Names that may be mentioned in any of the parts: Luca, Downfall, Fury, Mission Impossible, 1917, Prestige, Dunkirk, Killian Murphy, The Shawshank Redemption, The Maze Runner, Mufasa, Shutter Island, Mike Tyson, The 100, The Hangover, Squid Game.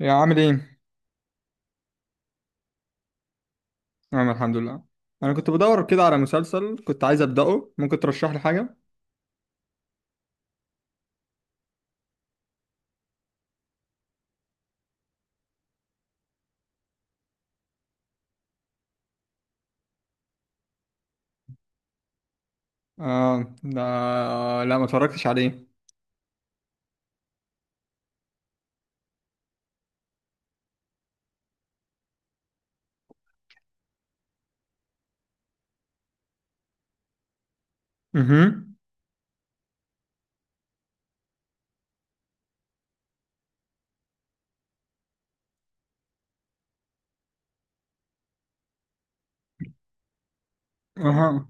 يا عامل ايه؟ انا الحمد لله. انا كنت بدور كده على مسلسل كنت عايز ابداه، ممكن ترشح لي حاجه؟ اه ده، لا ما اتفرجتش عليه. اها اها،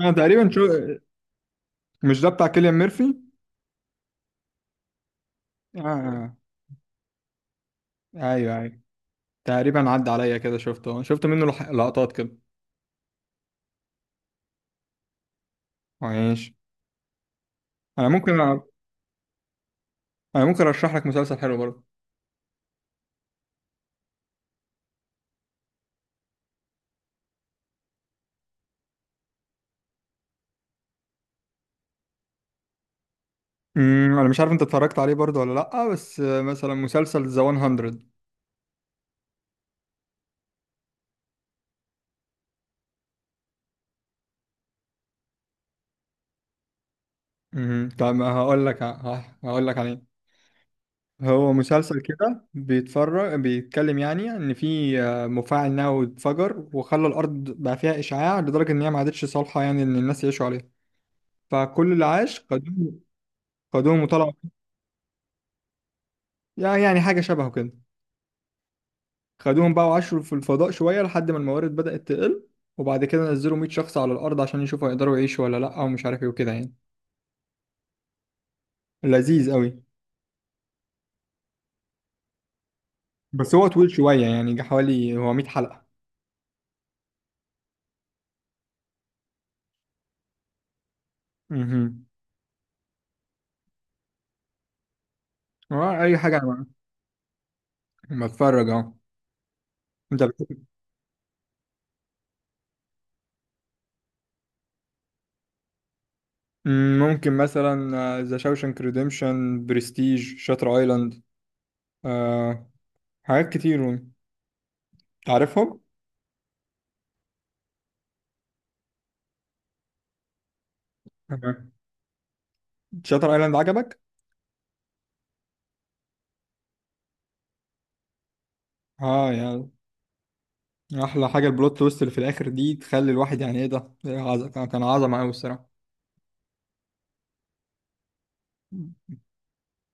انا تقريبا شو، مش ده بتاع كيليان ميرفي؟ اه آه. ايوه ايوه، تقريبا عدى عليا كده، شفت منه لقطات كده. ماشي. انا ممكن انا ممكن ارشح لك مسلسل حلو برضه. انا مش عارف انت اتفرجت عليه برضه ولا لا، بس مثلا مسلسل ذا 100. طب هقول لك عليه. هو مسلسل كده بيتفرج، بيتكلم يعني ان في مفاعل نووي اتفجر وخلى الارض بقى فيها اشعاع لدرجه ان هي ما عادتش صالحه يعني ان الناس يعيشوا عليها. فكل اللي عاش خدوهم، خدوهم وطلعوا. يعني حاجه شبهه كده. خدوهم بقى وعاشوا في الفضاء شويه لحد ما الموارد بدات تقل، وبعد كده نزلوا 100 شخص على الارض عشان يشوفوا يقدروا يعيشوا ولا لا، ومش عارف ايه وكده يعني. لذيذ قوي. بس هو طويل شويه، يعني جه حوالي هو 100 حلقه. امم اي حاجه، انا بتفرج اهو. انت بتحب؟ مم، ممكن مثلا ذا شاوشانك ريديمشن، برستيج، شاتر ايلاند، آه، حاجات كتير تعرفهم. آه. شاتر ايلاند عجبك؟ اه يعني، احلى حاجه البلوت تويست اللي في الاخر دي تخلي الواحد يعني ايه ده، إيه، كان عظمه قوي الصراحه.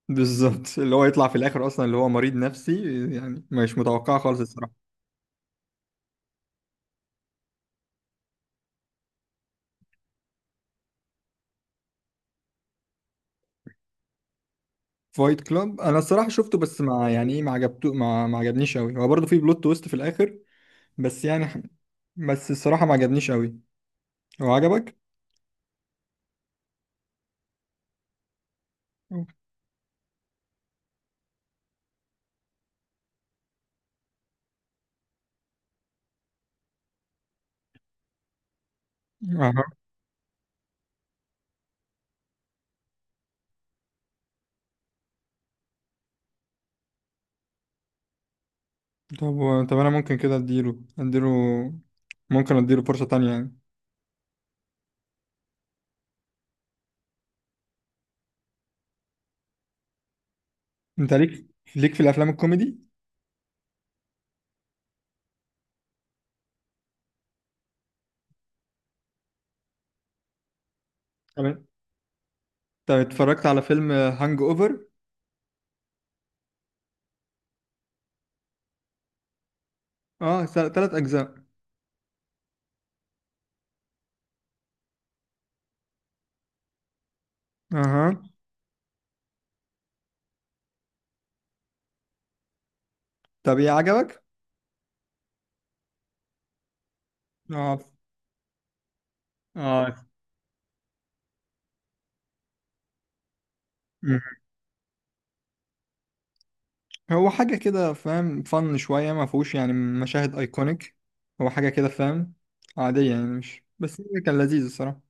بالظبط اللي هو يطلع في الاخر اصلا اللي هو مريض نفسي، يعني مش متوقعه خالص الصراحه. فايت كلاب انا الصراحه شفته، بس ما يعني ايه، ما عجبته، ما عجبنيش قوي. هو برضه في بلوت تويست في الاخر، بس يعني، بس الصراحه ما عجبنيش قوي. هو عجبك؟ أها. طب انا ممكن كده اديله ممكن اديله فرصة تانية يعني. انت ليك، ليك في الافلام الكوميدي؟ تمام. طب اتفرجت على فيلم هانج اوفر؟ اه، ثلاث اجزاء. اها. طب ايه عجبك؟ اه، اه. مم. هو حاجة كده فاهم، فن شوية، ما فيهوش يعني مشاهد ايكونيك. هو حاجة كده فاهم، عادية يعني، مش بس كان لذيذ الصراحة.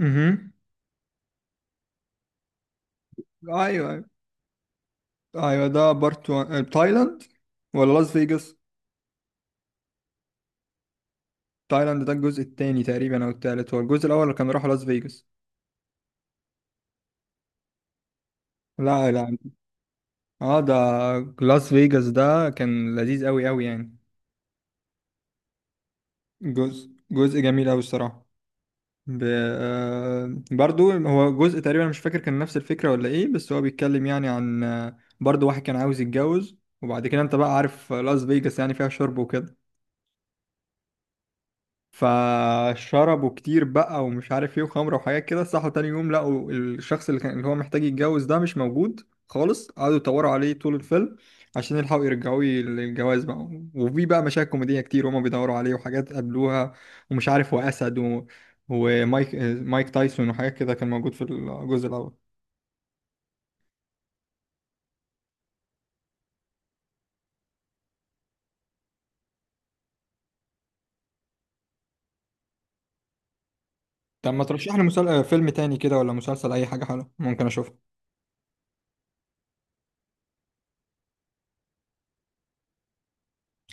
اها. ايوه ايوه، أيوة، ده بارت واحد. تايلاند ولا لاس فيجاس؟ تايلاند ده الجزء التاني تقريبا او التالت، هو الجزء الاول كان راحوا لاس فيجاس. لا لا. اه ده، لاس فيجاس ده كان لذيذ قوي قوي يعني. جزء جميل قوي الصراحه. ب... آه، برضو هو جزء تقريبا مش فاكر كان نفس الفكره ولا ايه، بس هو بيتكلم يعني عن برضو واحد كان عاوز يتجوز، وبعد كده انت بقى عارف لاس فيجاس يعني فيها شرب وكده، فشربوا كتير بقى ومش عارف ايه وخمره وحاجات كده، صحوا تاني يوم لقوا الشخص اللي كان اللي هو محتاج يتجوز ده مش موجود خالص، قعدوا يدوروا عليه طول الفيلم عشان يلحقوا يرجعوه للجواز بقى. وفي بقى مشاهد كوميدية كتير وهما بيدوروا عليه، وحاجات قابلوها ومش عارف، وأسد ومايك، مايك تايسون، وحاجات كده كان موجود في الجزء الأول. طب ما ترشح لي فيلم تاني كده ولا مسلسل، أي حاجة حلوة ممكن أشوفها؟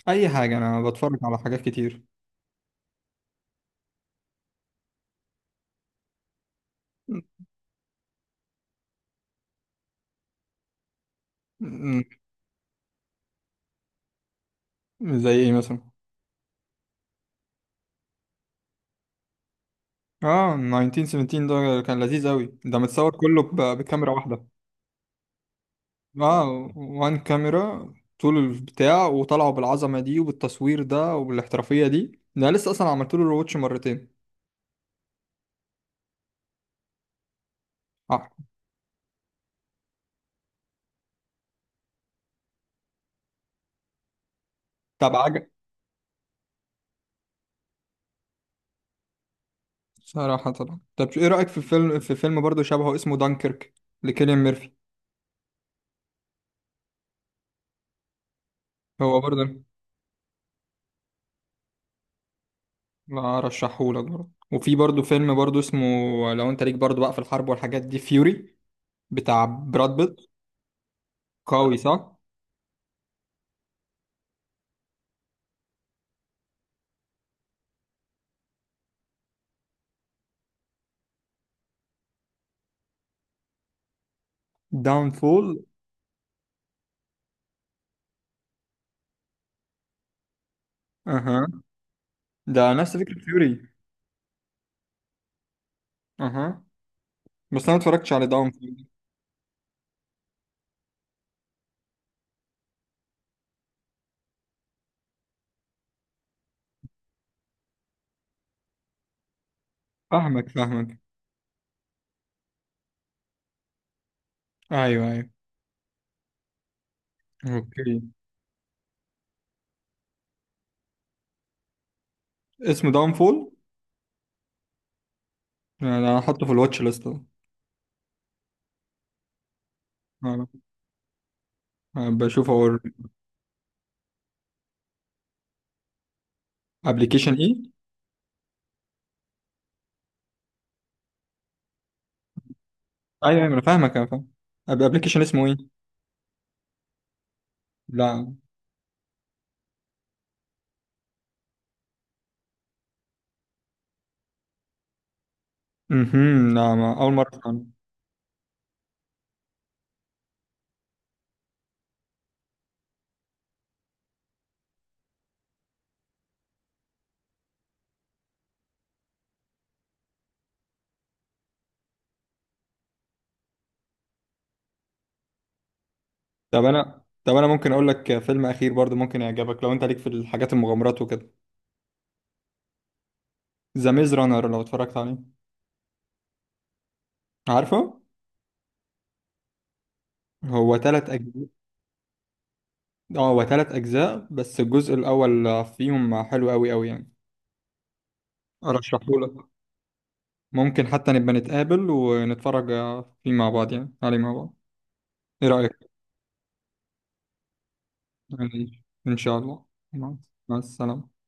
أي حاجة، أنا بتفرج على حاجات كتير. م- م- زي إيه مثلا؟ اه 1917، ده كان لذيذ أوي، ده متصور كله بكاميرا واحدة. اه وان كاميرا طول البتاع، وطلعوا بالعظمة دي وبالتصوير ده وبالاحترافية دي، ده لسه أصلا عملت له روتش مرتين. اه طب عجب، صراحة طبعا. طب ايه رأيك في فيلم، في فيلم برضه شبهه اسمه دانكيرك لكيليان ميرفي؟ هو برضه، لا رشحهولك برضه. وفي برضه فيلم برضه اسمه، لو انت ليك برضه بقى في الحرب والحاجات دي، فيوري بتاع براد بيت. قوي صح؟ داون فول؟ ده نفس فكرة فيوري. اها. بس انا ما اتفرجتش على داون فول. فاهمك فاهمك. ايوه ايوه. اوكي. اسمه داون فول، انا هحطه في الواتش ليست أهو. أنا- أنا بشوف هو. ابلكيشن ايه؟ ايوه ايوه، انا فاهمك انا فاهم. ابلكيشن اسمه ايه؟ لا. لا، ما اول مرة أسمع عنه. طب انا ممكن اقول لك فيلم اخير برضو ممكن يعجبك لو انت ليك في الحاجات المغامرات وكده، ذا ميز رانر، لو اتفرجت عليه؟ عارفه؟ هو ثلاث اجزاء. اه هو تلات أجزاء، بس الجزء الأول فيهم حلو أوي أوي يعني، أرشحهولك. ممكن حتى نبقى نتقابل ونتفرج فيه مع بعض، يعني عليه مع بعض. إيه رأيك؟ يعني إن شاء الله. مع مع السلامة.